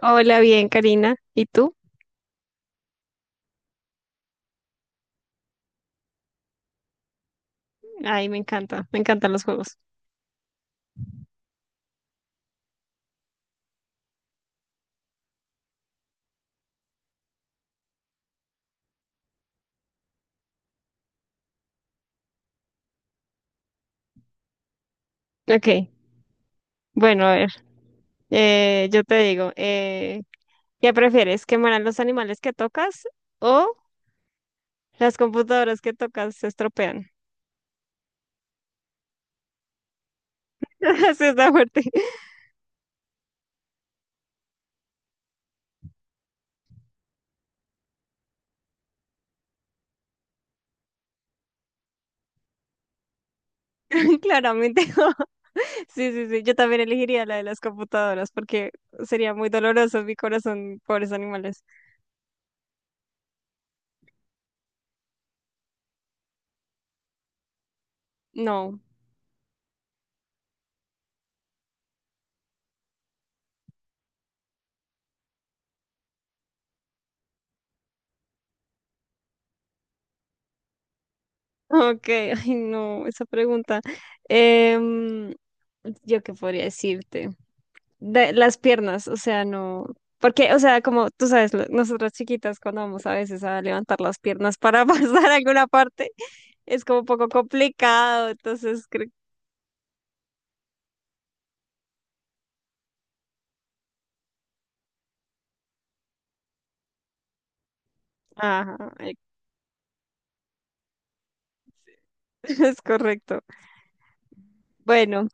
Hola, bien, Karina. ¿Y tú? Ay, me encanta, me encantan los juegos. Ok, bueno, a ver, yo te digo, ¿qué prefieres? ¿Que mueran los animales que tocas o las computadoras que tocas se estropean? Así está fuerte. Claramente. Sí, sí, sí. Yo también elegiría la de las computadoras porque sería muy doloroso mi corazón, pobres animales. No. Ok, ay, no, esa pregunta. Em, ¿Yo qué podría decirte? De las piernas, o sea, no, porque, o sea, como tú sabes, nosotras chiquitas cuando vamos a veces a levantar las piernas para pasar a alguna parte, es como un poco complicado, entonces, ajá, es correcto. Bueno,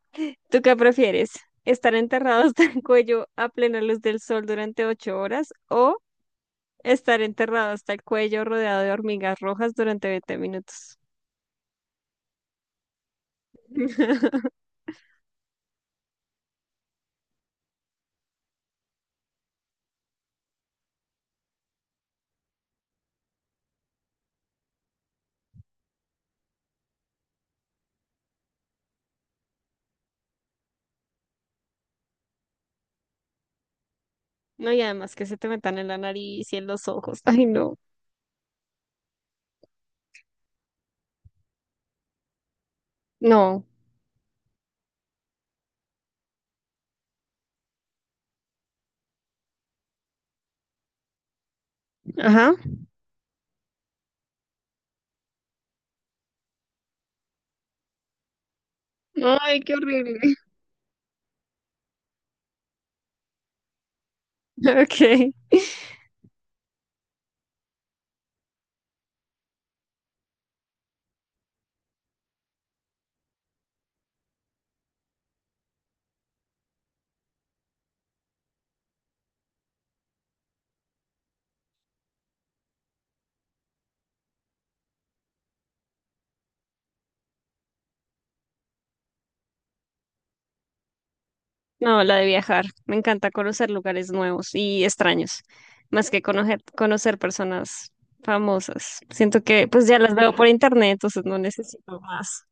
¿tú qué prefieres? ¿Estar enterrado hasta el cuello a plena luz del sol durante 8 horas o estar enterrado hasta el cuello rodeado de hormigas rojas durante 20 minutos? No, y además que se te metan en la nariz y en los ojos. Ay, no. No. Ajá. Ay, qué horrible. Ok. No, la de viajar. Me encanta conocer lugares nuevos y extraños, más que conocer, conocer personas famosas. Siento que pues ya las veo por internet, entonces no necesito más.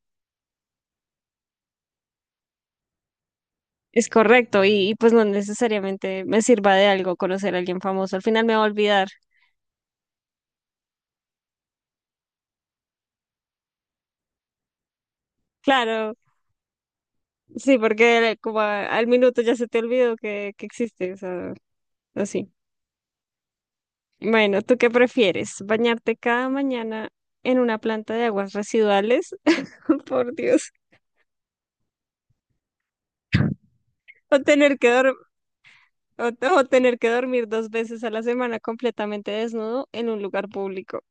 Es correcto, y, pues no necesariamente me sirva de algo conocer a alguien famoso. Al final me va a olvidar. Claro, sí, porque como al minuto ya se te olvidó que existe, o sea, así. Bueno, ¿tú qué prefieres? ¿Bañarte cada mañana en una planta de aguas residuales? Por Dios. O tener que dor- o tener que dormir dos veces a la semana completamente desnudo en un lugar público.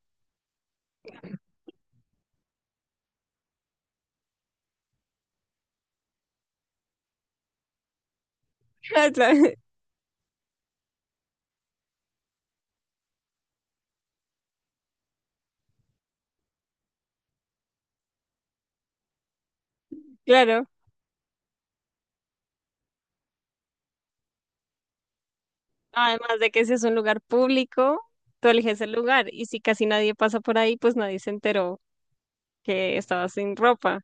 O sea, claro. Además de que si es un lugar público, tú eliges el lugar. Y si casi nadie pasa por ahí, pues nadie se enteró que estaba sin ropa.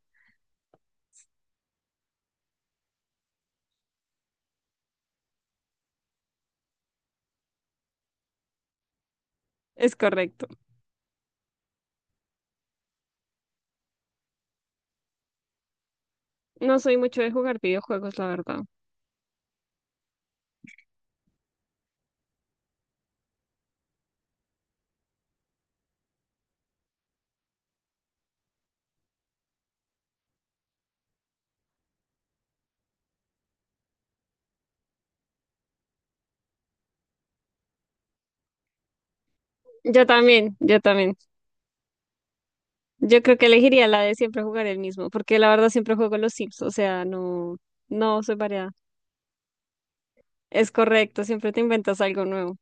Es correcto. No soy mucho de jugar videojuegos, la verdad. Yo también, yo también. Yo creo que elegiría la de siempre jugar el mismo, porque la verdad siempre juego los Sims, o sea, no, no soy variada. Es correcto, siempre te inventas algo nuevo.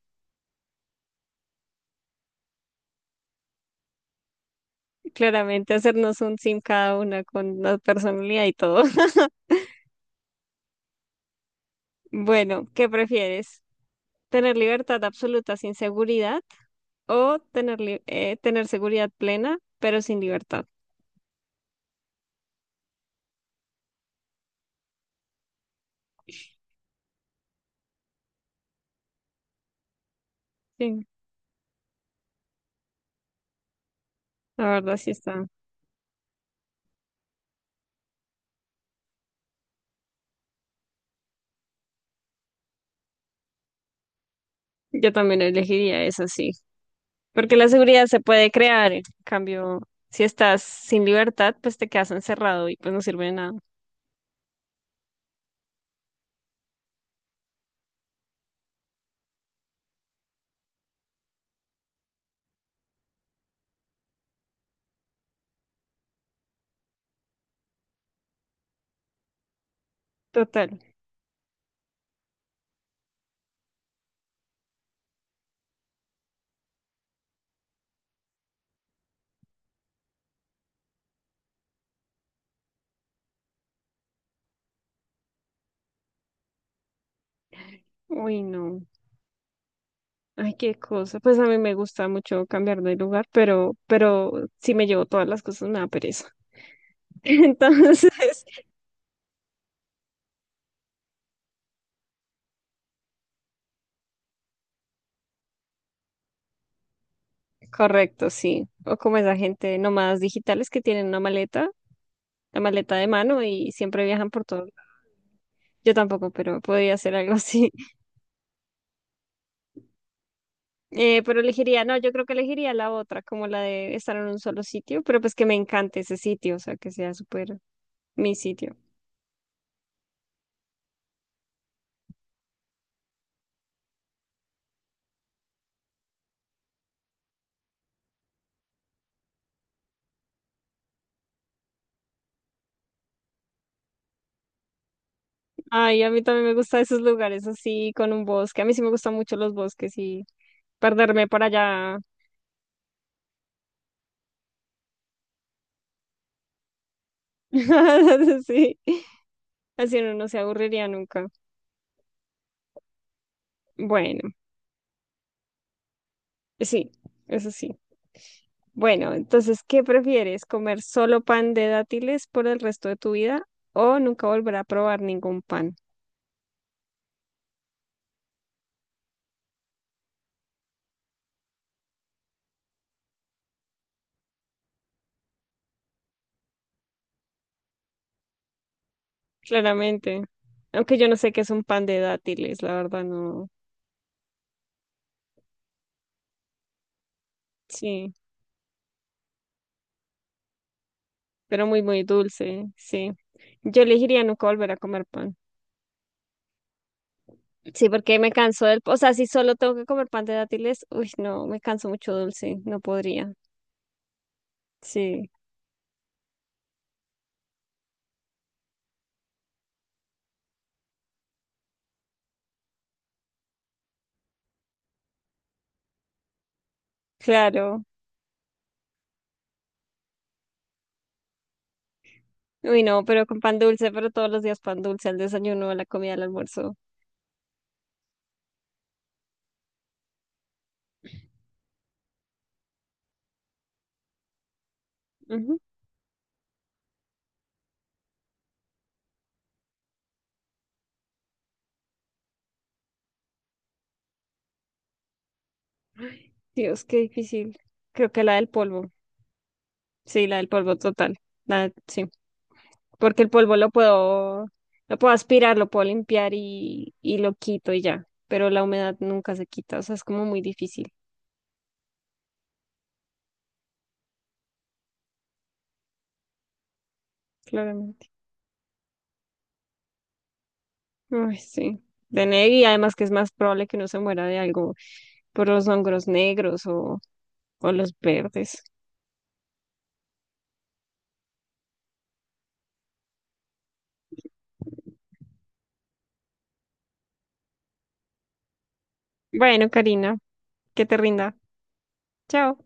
Claramente hacernos un Sim cada una con la personalidad y todo. Bueno, ¿qué prefieres? ¿Tener libertad absoluta sin seguridad o tener seguridad plena pero sin libertad? Sí, la verdad sí está. Yo también elegiría eso, sí. Porque la seguridad se puede crear, en cambio, si estás sin libertad, pues te quedas encerrado y pues no sirve de nada. Total. Uy, no. Ay, qué cosa. Pues a mí me gusta mucho cambiar de lugar, pero si me llevo todas las cosas me da pereza. Entonces, correcto, sí. O como esa gente nómadas digitales que tienen una maleta, la maleta de mano y siempre viajan por todo. Yo tampoco, pero podría hacer algo así. Pero elegiría, no, yo creo que elegiría la otra, como la de estar en un solo sitio, pero pues que me encante ese sitio, o sea, que sea súper mi sitio. Ay, a mí también me gustan esos lugares así, con un bosque. A mí sí me gustan mucho los bosques y perderme por allá. Sí, así uno no se aburriría nunca. Bueno, sí, eso sí. Bueno, entonces, ¿qué prefieres? ¿Comer solo pan de dátiles por el resto de tu vida o nunca volver a probar ningún pan? Claramente. Aunque yo no sé qué es un pan de dátiles, la verdad no. Sí, pero muy, muy dulce, sí. Yo elegiría nunca volver a comer pan. Sí, porque me canso del... O sea, si solo tengo que comer pan de dátiles, uy, no, me canso mucho dulce, no podría. Sí, claro. Uy, no, pero con pan dulce, pero todos los días pan dulce, al desayuno, a la comida, al almuerzo. Ujú. Dios, qué difícil. Creo que la del polvo. Sí, la del polvo total. La, sí. Porque el polvo lo puedo aspirar, lo puedo limpiar y lo quito y ya, pero la humedad nunca se quita, o sea, es como muy difícil, claramente. Ay, sí, y además que es más probable que uno se muera de algo por los hongos negros o los verdes. Bueno, Karina, que te rinda. Chao.